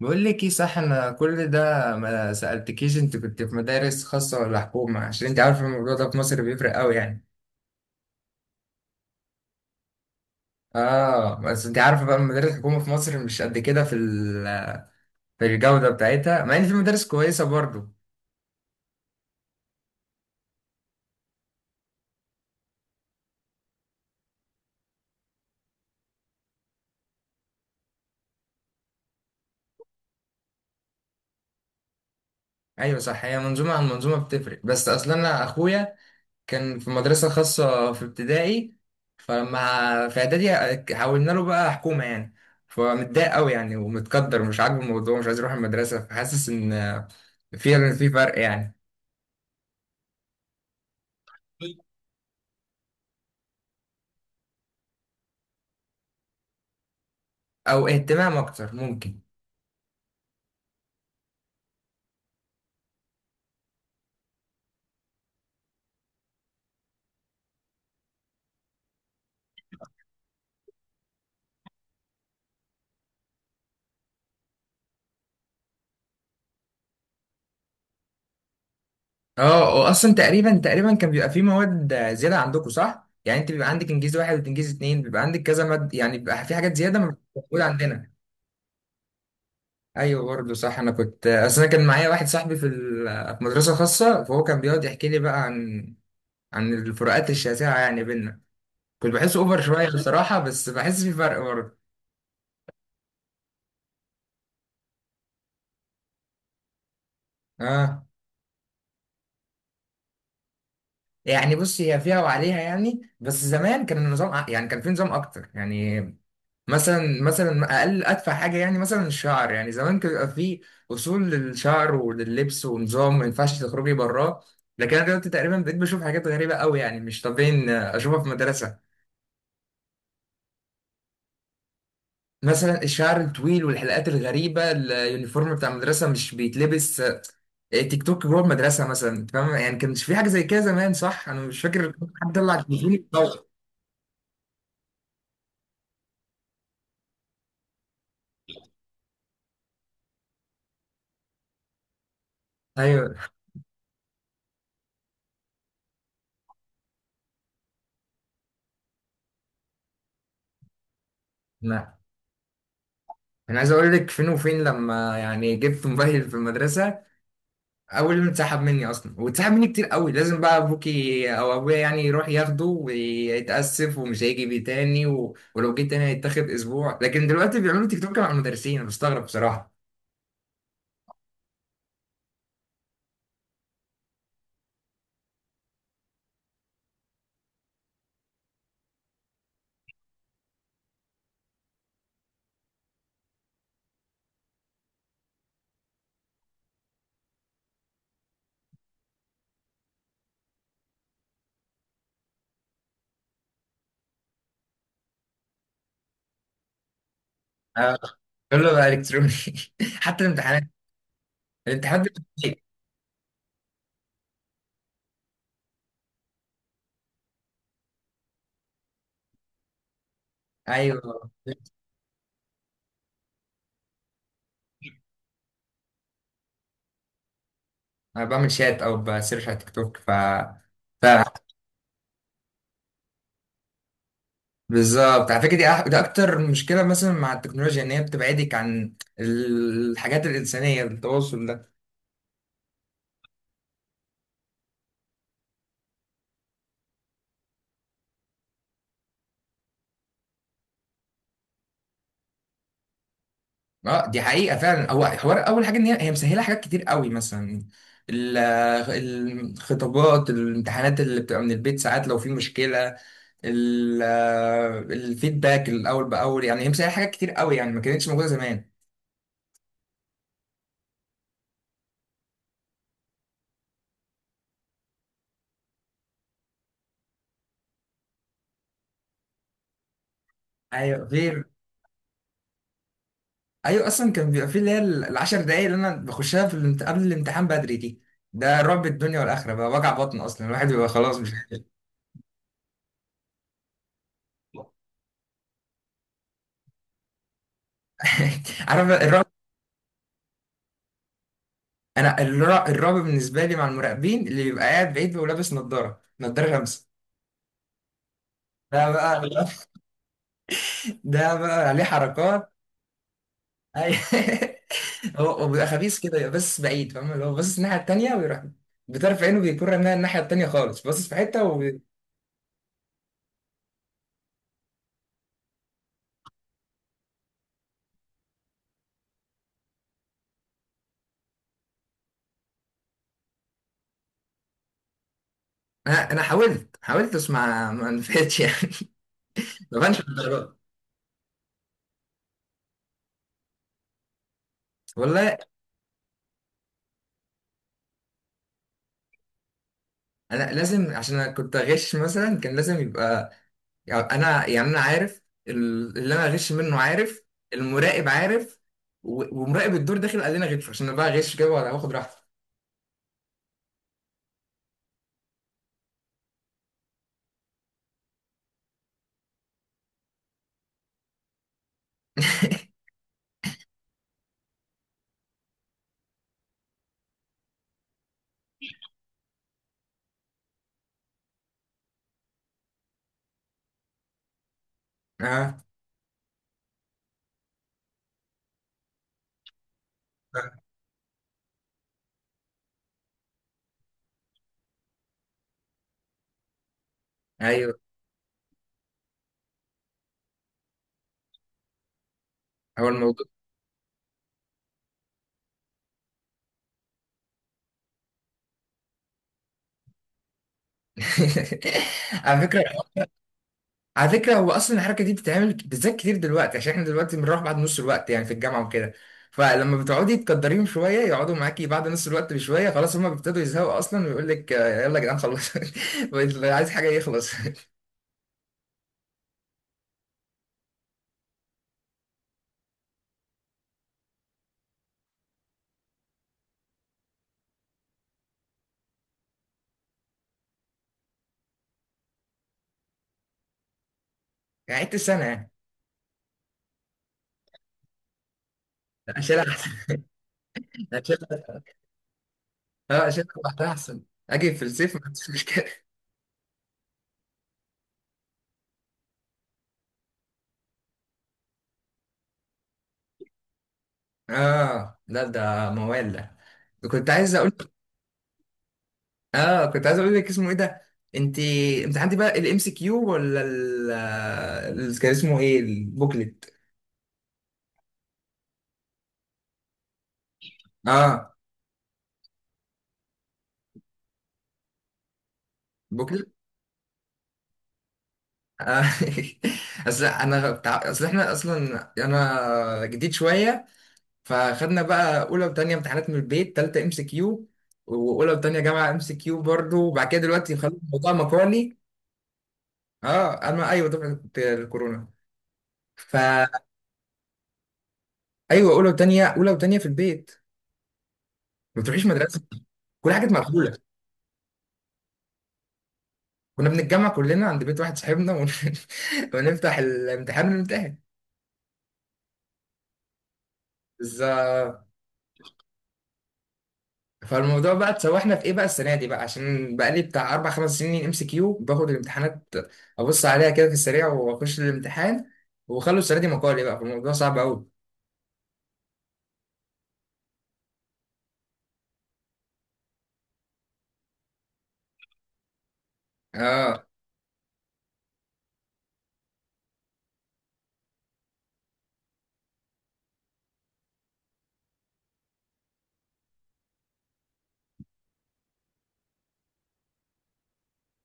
بقول لك ايه، صح. انا كل ده ما سألتكيش، انت كنت في مدارس خاصة ولا حكومة؟ عشان انت عارفة الموضوع ده في مصر بيفرق قوي يعني. اه بس انت عارفة بقى، المدارس الحكومة في مصر مش قد كده في الجودة بتاعتها، مع ان في مدارس كويسة برضو. ايوه صح، هي منظومة عن منظومة بتفرق. بس اصلا انا اخويا كان في مدرسة خاصة في ابتدائي، فلما في إعدادي حولنا له بقى حكومة يعني، فمتضايق قوي يعني ومتقدر، مش عاجبه الموضوع، مش عايز يروح المدرسة، فحاسس إن في فرق يعني. أو اهتمام أكتر ممكن. اه وأصلا تقريبا كان بيبقى في مواد زيادة عندكم صح؟ يعني أنت بيبقى عندك إنجليزي واحد وإنجليزي اتنين، بيبقى عندك كذا مادة يعني، بيبقى في حاجات زيادة مش موجودة عندنا. ايوه برضه صح، انا كنت اصل انا كان معايا واحد صاحبي في مدرسه خاصه، فهو كان بيقعد يحكي لي بقى عن الفروقات الشاسعة يعني بينا، كنت بحس اوفر شوية بصراحة، بس بحس في فرق برضه. اه يعني بص، هي فيها وعليها يعني، بس زمان كان يعني كان في نظام اكتر يعني. مثلا اقل ادفع حاجة يعني، مثلا الشعر يعني زمان كان بيبقى في اصول للشعر ولللبس ونظام ما ينفعش تخرجي براه. لكن انا دلوقتي تقريبا بقيت بشوف حاجات غريبة قوي يعني، مش طبيعي إن اشوفها في مدرسة. مثلا الشعر الطويل والحلقات الغريبة، اليونيفورم بتاع المدرسة مش بيتلبس، تيك توك جوه المدرسه مثلا، أنت فاهم يعني. كانش في حاجه زي كده زمان صح؟ انا مش فاكر حد طلع التليفون يتصور. ايوه، لا انا عايز اقول لك فين وفين، لما يعني جبت موبايل في المدرسه اول يوم اتسحب مني اصلا، واتسحب مني كتير قوي، لازم بقى ابوكي او ابويا يعني يروح ياخده ويتاسف ومش هيجي بيه تاني، و... ولو جه تاني هيتاخد اسبوع. لكن دلوقتي بيعملوا تيك توك مع المدرسين، انا بستغرب بصراحه. آه، كله بقى الكتروني، حتى الامتحانات، الامتحانات بتبقى fake. ايوه، انا بعمل شات او بسيرش على تيك توك ف. بالظبط، على فكره دي ده اكتر مشكله مثلا مع التكنولوجيا، ان هي بتبعدك عن الحاجات الانسانيه، التواصل ده. اه دي حقيقه فعلا، هو حوار اول حاجه ان هي مسهله حاجات كتير قوي، مثلا ال- الخطابات، الامتحانات اللي بتبقى من البيت ساعات لو في مشكله، ال- الفيدباك الاول باول، يعني هي مسهله حاجات كتير قوي يعني، ما كانتش موجوده زمان. ايوه غير. ايوه اصلا كان بيبقى فيه اللي هي العشر دقايق اللي انا بخشها قبل الامتحان بدري دي، ده رعب الدنيا والاخره بقى، وجع بطن اصلا، الواحد بيبقى خلاص مش عارف الرعب. انا الرعب بالنسبه لي مع المراقبين اللي بيبقى قاعد بعيد ولابس نظاره شمس، ده بقى ده بقى عليه حركات. أي- هو بيبقى خبيث كده، يبقى بس بعيد فاهم، اللي هو باصص الناحيه التانيه ويروح بطرف عينه بيكون رميها الناحيه التانيه خالص، باصص في حته انا حاولت بس ما نفعتش يعني، ما بانش. والله انا لازم، عشان انا كنت اغش، مثلا كان لازم يبقى يعني انا عارف اللي انا اغش منه عارف، المراقب عارف، ومراقب الدور داخل قال لنا غش، عشان انا بقى اغش كده ولا واخد راحتي. اه، ايوه هو الموضوع. على فكره على فكرة، هو أصلا الحركة دي بتتعمل بالذات كتير دلوقتي، عشان احنا دلوقتي بنروح بعد نص الوقت يعني في الجامعة وكده، فلما بتقعدي تقدريهم شوية يقعدوا معاكي بعد نص الوقت بشوية، خلاص هما بيبتدوا يزهقوا أصلا، ويقول لك آه، يلا يا جدعان خلص. بقيت عايز حاجة يخلص. يعني عدت السنة يعني؟ أشيلها أحسن. أشيلها، أه أشيلها لوحدها أحسن، أجي في الصيف ما عنديش مشكلة. أه لا ده موال، ده كنت عايز أقول. اه كنت عايز اقول لك اسمه ايه ده، انت انت عندي بقى الام سي كيو ولا كان اسمه ايه البوكلت؟ اه، بكل. آه. اصل احنا اصلا انا جديد شويه، فخدنا بقى اولى وتانية امتحانات من البيت، تالتة ام سي كيو، واولى وتانية جامعه ام سي كيو برضه، وبعد كده دلوقتي خلاص الموضوع مقالي. اه انا ايوه دفعه الكورونا، فا ايوه. اولى وتانية في البيت، ما بتروحيش مدرسه، كل حاجه كانت مقفوله. كنا بنتجمع كلنا عند بيت واحد صاحبنا ونفتح الامتحان ونمتحن. بالظبط، فالموضوع بقى اتسوحنا في ايه بقى السنه دي بقى، عشان بقى لي بتاع اربع خمس سنين ام سي كيو باخد الامتحانات، ابص عليها كده في السريع واخش الامتحان، وخلوا السنه دي مقالي بقى، فالموضوع صعب قوي. اه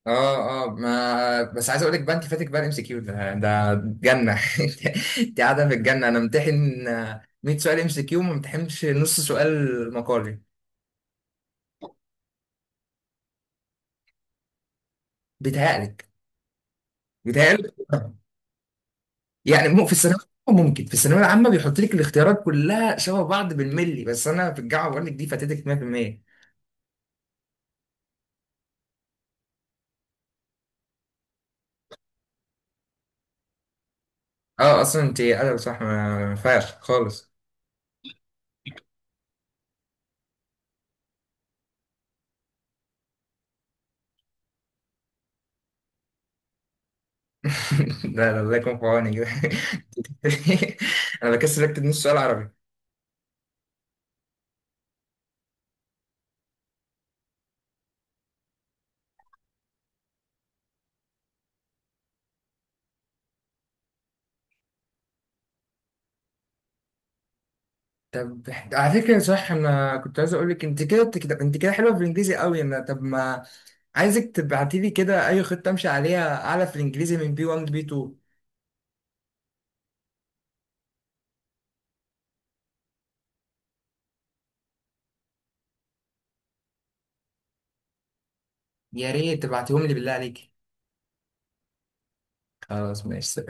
اه اه ما بس عايز اقول لك بقى انت فاتك بقى الام سي كيو ده ده جنه، انت قاعده في الجنه، انا امتحن 100 سؤال ام سي كيو ما امتحنش نص سؤال مقالي. بيتهيألك بيتهيألك. يعني مو في الثانوية العامة، ممكن في الثانوية العامة بيحط لك الاختيارات كلها شبه بعض بالملي، بس انا في الجامعة بقول لك دي فاتتك 100%. اه اصلا انت ادب صح، ما ينفعش خالص. لا لا الله يكون في عونك. انا بكسل اكتب نص سؤال عربي. طب على فكرة صح، انا كنت عايز اقول لك انت كده بتكتب، انت كده حلوة في الانجليزي قوي انا، طب ما عايزك تبعتي لي كده اي خطة امشي عليها اعلى في الانجليزي من بي 1 لبي 2. يا ريت تبعتيهم لي بالله عليك. خلاص ماشي.